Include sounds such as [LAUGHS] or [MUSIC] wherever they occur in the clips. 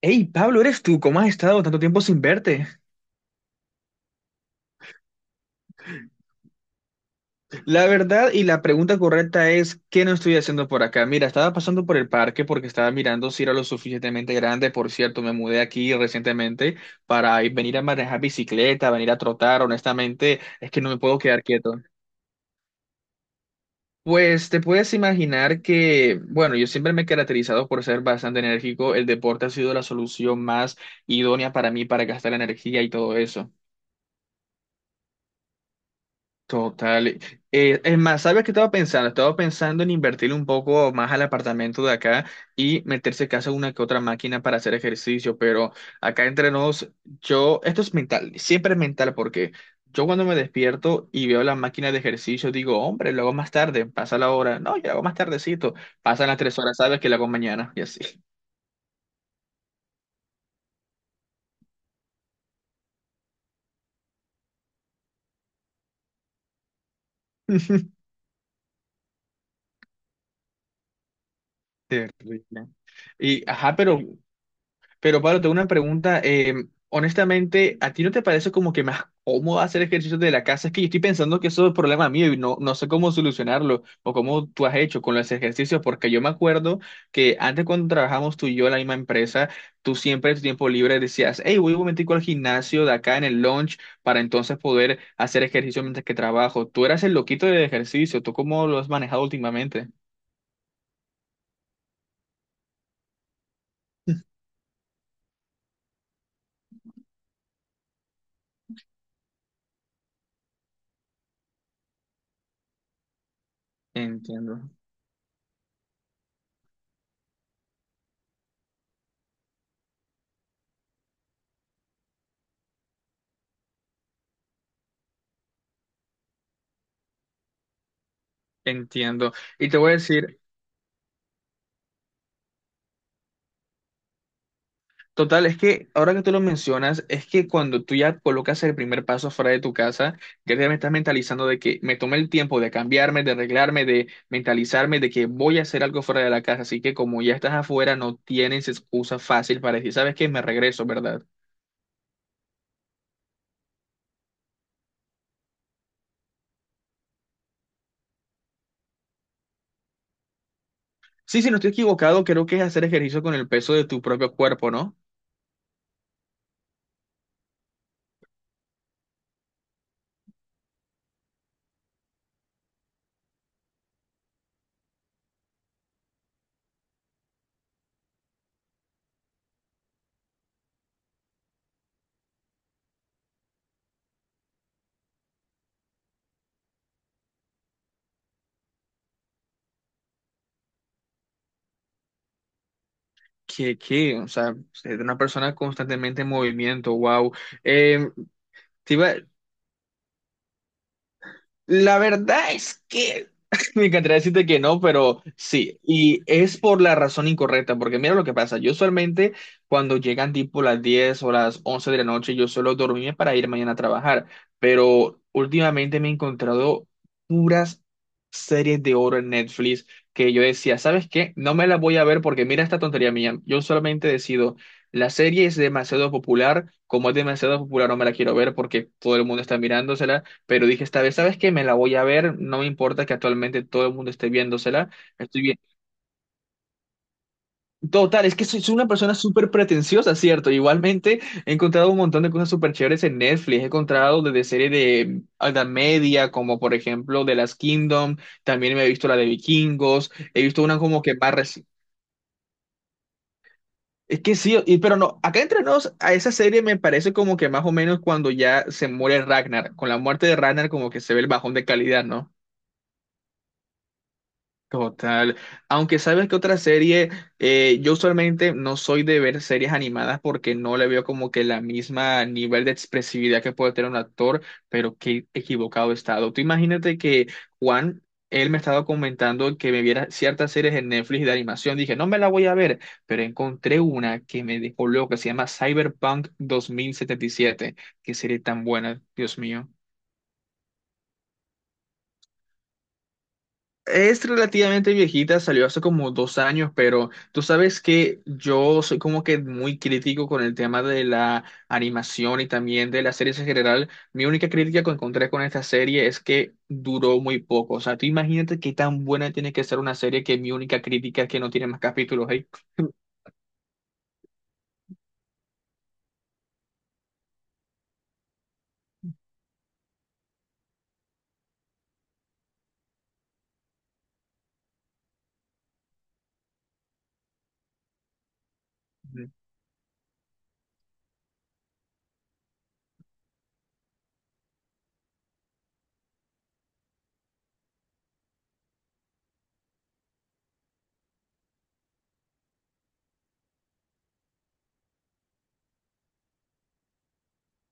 Hey, Pablo, ¿eres tú? ¿Cómo has estado tanto tiempo sin verte? La verdad y la pregunta correcta es, ¿qué no estoy haciendo por acá? Mira, estaba pasando por el parque porque estaba mirando si era lo suficientemente grande. Por cierto, me mudé aquí recientemente para venir a manejar bicicleta, venir a trotar. Honestamente, es que no me puedo quedar quieto. Pues te puedes imaginar que, bueno, yo siempre me he caracterizado por ser bastante enérgico. El deporte ha sido la solución más idónea para mí para gastar la energía y todo eso. Total. Es más, ¿sabes qué estaba pensando? Estaba pensando en invertir un poco más al apartamento de acá y meterse casa una que otra máquina para hacer ejercicio, pero acá entre nos, yo, esto es mental, siempre es mental porque yo cuando me despierto y veo la máquina de ejercicio digo, hombre, lo hago más tarde, pasa la hora, no, yo lo hago más tardecito, pasan las 3 horas, ¿sabes que lo hago mañana? Y así. [LAUGHS] Terrible. Y, ajá, pero Pablo, tengo una pregunta. Honestamente, ¿a ti no te parece como que más cómodo hacer ejercicios de la casa? Es que yo estoy pensando que eso es problema mío y no, no sé cómo solucionarlo o cómo tú has hecho con los ejercicios, porque yo me acuerdo que antes cuando trabajamos tú y yo en la misma empresa, tú siempre en tu tiempo libre decías, hey, voy un momentico al gimnasio de acá en el lunch para entonces poder hacer ejercicio mientras que trabajo. Tú eras el loquito del ejercicio, ¿tú cómo lo has manejado últimamente? Entiendo, entiendo. Y te voy a decir... Total, es que ahora que tú lo mencionas, es que cuando tú ya colocas el primer paso fuera de tu casa, ya te estás mentalizando de que me tomé el tiempo de cambiarme, de arreglarme, de mentalizarme, de que voy a hacer algo fuera de la casa. Así que como ya estás afuera, no tienes excusa fácil para decir, ¿sabes qué? Me regreso, ¿verdad? Sí, si no estoy equivocado, creo que es hacer ejercicio con el peso de tu propio cuerpo, ¿no? O sea, ser una persona constantemente en movimiento, wow. Eh, la verdad es que [LAUGHS] me encantaría decirte que no, pero sí, y es por la razón incorrecta, porque mira lo que pasa, yo usualmente cuando llegan tipo las 10 o las 11 de la noche, yo suelo dormirme para ir mañana a trabajar, pero últimamente me he encontrado puras series de oro en Netflix que yo decía, ¿sabes qué? No me las voy a ver porque mira esta tontería mía, yo solamente decido, la serie es demasiado popular, como es demasiado popular no me la quiero ver porque todo el mundo está mirándosela pero dije esta vez, ¿sabes qué? Me la voy a ver, no me importa que actualmente todo el mundo esté viéndosela, estoy bien. Total, es que soy una persona súper pretenciosa, ¿cierto? Igualmente he encontrado un montón de cosas súper chéveres en Netflix, he encontrado desde series de alta media, como por ejemplo The Last Kingdom, también me he visto la de Vikingos, he visto una como que más reci- Es que sí, pero no, acá entre nos, a esa serie me parece como que más o menos cuando ya se muere Ragnar, con la muerte de Ragnar como que se ve el bajón de calidad, ¿no? Total. Aunque sabes que otra serie, yo usualmente no soy de ver series animadas porque no le veo como que la misma nivel de expresividad que puede tener un actor, pero qué equivocado he estado. Tú imagínate que Juan, él me estaba comentando que me viera ciertas series en Netflix de animación. Dije, no me la voy a ver, pero encontré una que me dejó loco, que se llama Cyberpunk 2077. Qué serie tan buena, Dios mío. Es relativamente viejita, salió hace como 2 años, pero tú sabes que yo soy como que muy crítico con el tema de la animación y también de las series en general. Mi única crítica que encontré con esta serie es que duró muy poco. O sea, tú imagínate qué tan buena tiene que ser una serie que mi única crítica es que no tiene más capítulos ahí.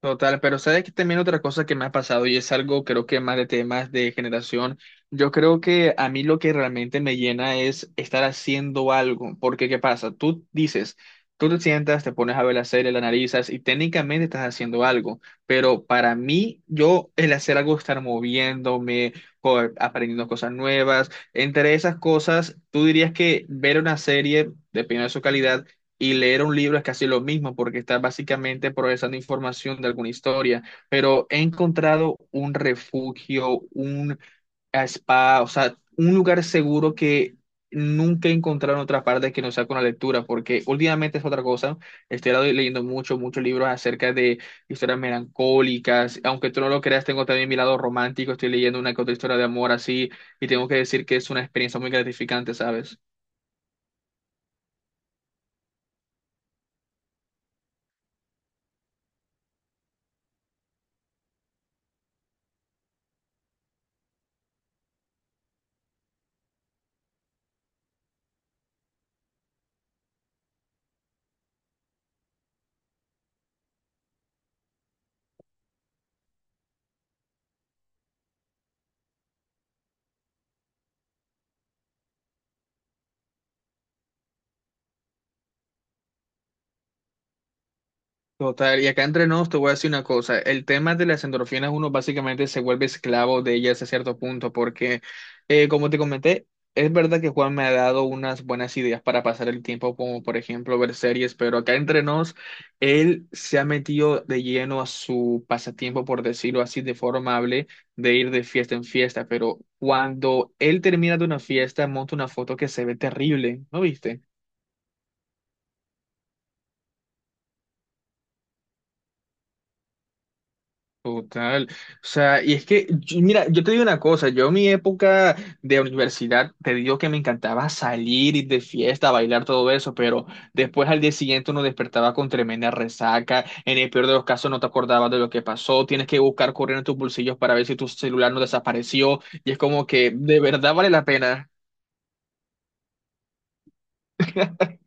Total, pero sabes que también otra cosa que me ha pasado y es algo creo que más de temas de generación, yo creo que a mí lo que realmente me llena es estar haciendo algo, porque ¿qué pasa? Tú dices, tú te sientas, te pones a ver la serie, la analizas y técnicamente estás haciendo algo, pero para mí yo el hacer algo, estar moviéndome, aprendiendo cosas nuevas, entre esas cosas, tú dirías que ver una serie, dependiendo de su calidad, y leer un libro es casi lo mismo porque estás básicamente procesando información de alguna historia, pero he encontrado un refugio, un spa, o sea, un lugar seguro que nunca he encontrado en otra parte que no sea con la lectura, porque últimamente es otra cosa, estoy leyendo mucho, muchos libros acerca de historias melancólicas, aunque tú no lo creas, tengo también mi lado romántico, estoy leyendo una que otra historia de amor así, y tengo que decir que es una experiencia muy gratificante, ¿sabes? Total, y acá entre nos te voy a decir una cosa, el tema de las endorfinas uno básicamente se vuelve esclavo de ellas a cierto punto porque como te comenté, es verdad que Juan me ha dado unas buenas ideas para pasar el tiempo como por ejemplo ver series, pero acá entre nos él se ha metido de lleno a su pasatiempo por decirlo así de forma amable de ir de fiesta en fiesta, pero cuando él termina de una fiesta monta una foto que se ve terrible, ¿no viste? Total. O sea, y es que, mira, yo te digo una cosa, yo en mi época de universidad, te digo que me encantaba salir, ir de fiesta, bailar, todo eso, pero después al día siguiente uno despertaba con tremenda resaca, en el peor de los casos no te acordabas de lo que pasó, tienes que buscar correr en tus bolsillos para ver si tu celular no desapareció, y es como que de verdad vale la pena. [LAUGHS]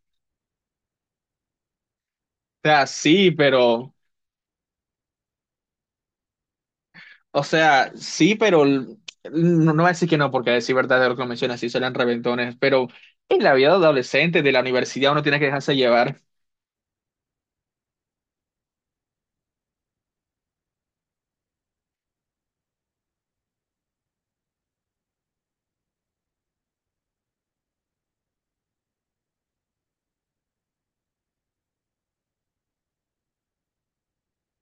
O sea, sí, pero... O sea, sí, pero no, no voy a decir que no, porque a decir verdad de lo que mencionas, sí salen reventones, pero en la vida de adolescente, de la universidad, uno tiene que dejarse llevar.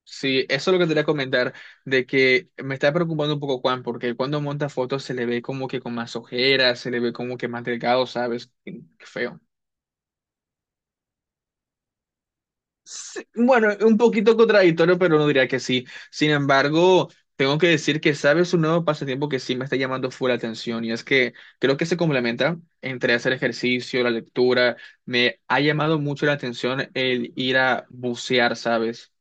Sí, eso es lo que te quería comentar, de que me está preocupando un poco Juan, porque cuando monta fotos se le ve como que con más ojeras, se le ve como que más delgado, ¿sabes? Qué feo. Sí, bueno, un poquito contradictorio, pero no diría que sí. Sin embargo, tengo que decir que sabes un nuevo pasatiempo que sí me está llamando full la atención y es que creo que se complementa entre hacer ejercicio, la lectura. Me ha llamado mucho la atención el ir a bucear, ¿sabes?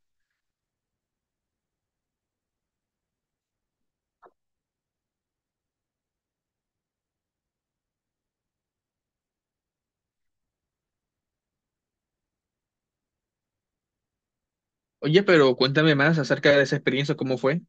Oye, pero cuéntame más acerca de esa experiencia, ¿cómo fue?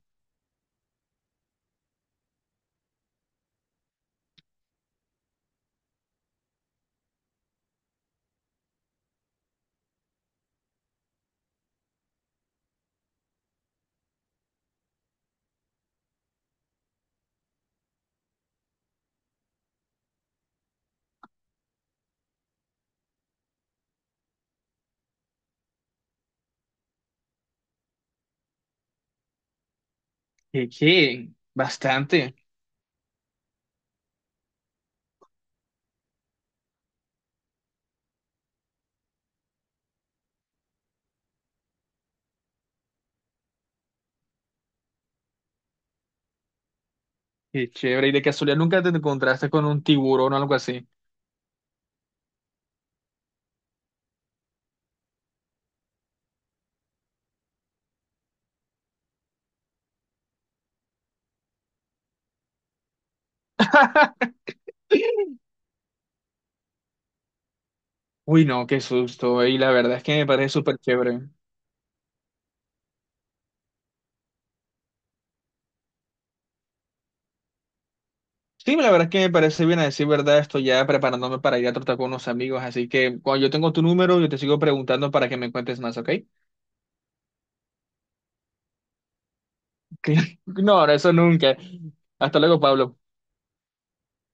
¿Qué, qué? Bastante. Qué chévere. ¿Y de casualidad nunca te encontraste con un tiburón o algo así? [LAUGHS] Uy, no, qué susto. Y la verdad es que me parece súper chévere. Sí, la verdad es que me parece bien a decir verdad, estoy ya preparándome para ir a tratar con unos amigos, así que cuando yo tengo tu número, yo te sigo preguntando para que me cuentes más, ¿ok? [LAUGHS] No, no, eso nunca. Hasta luego, Pablo.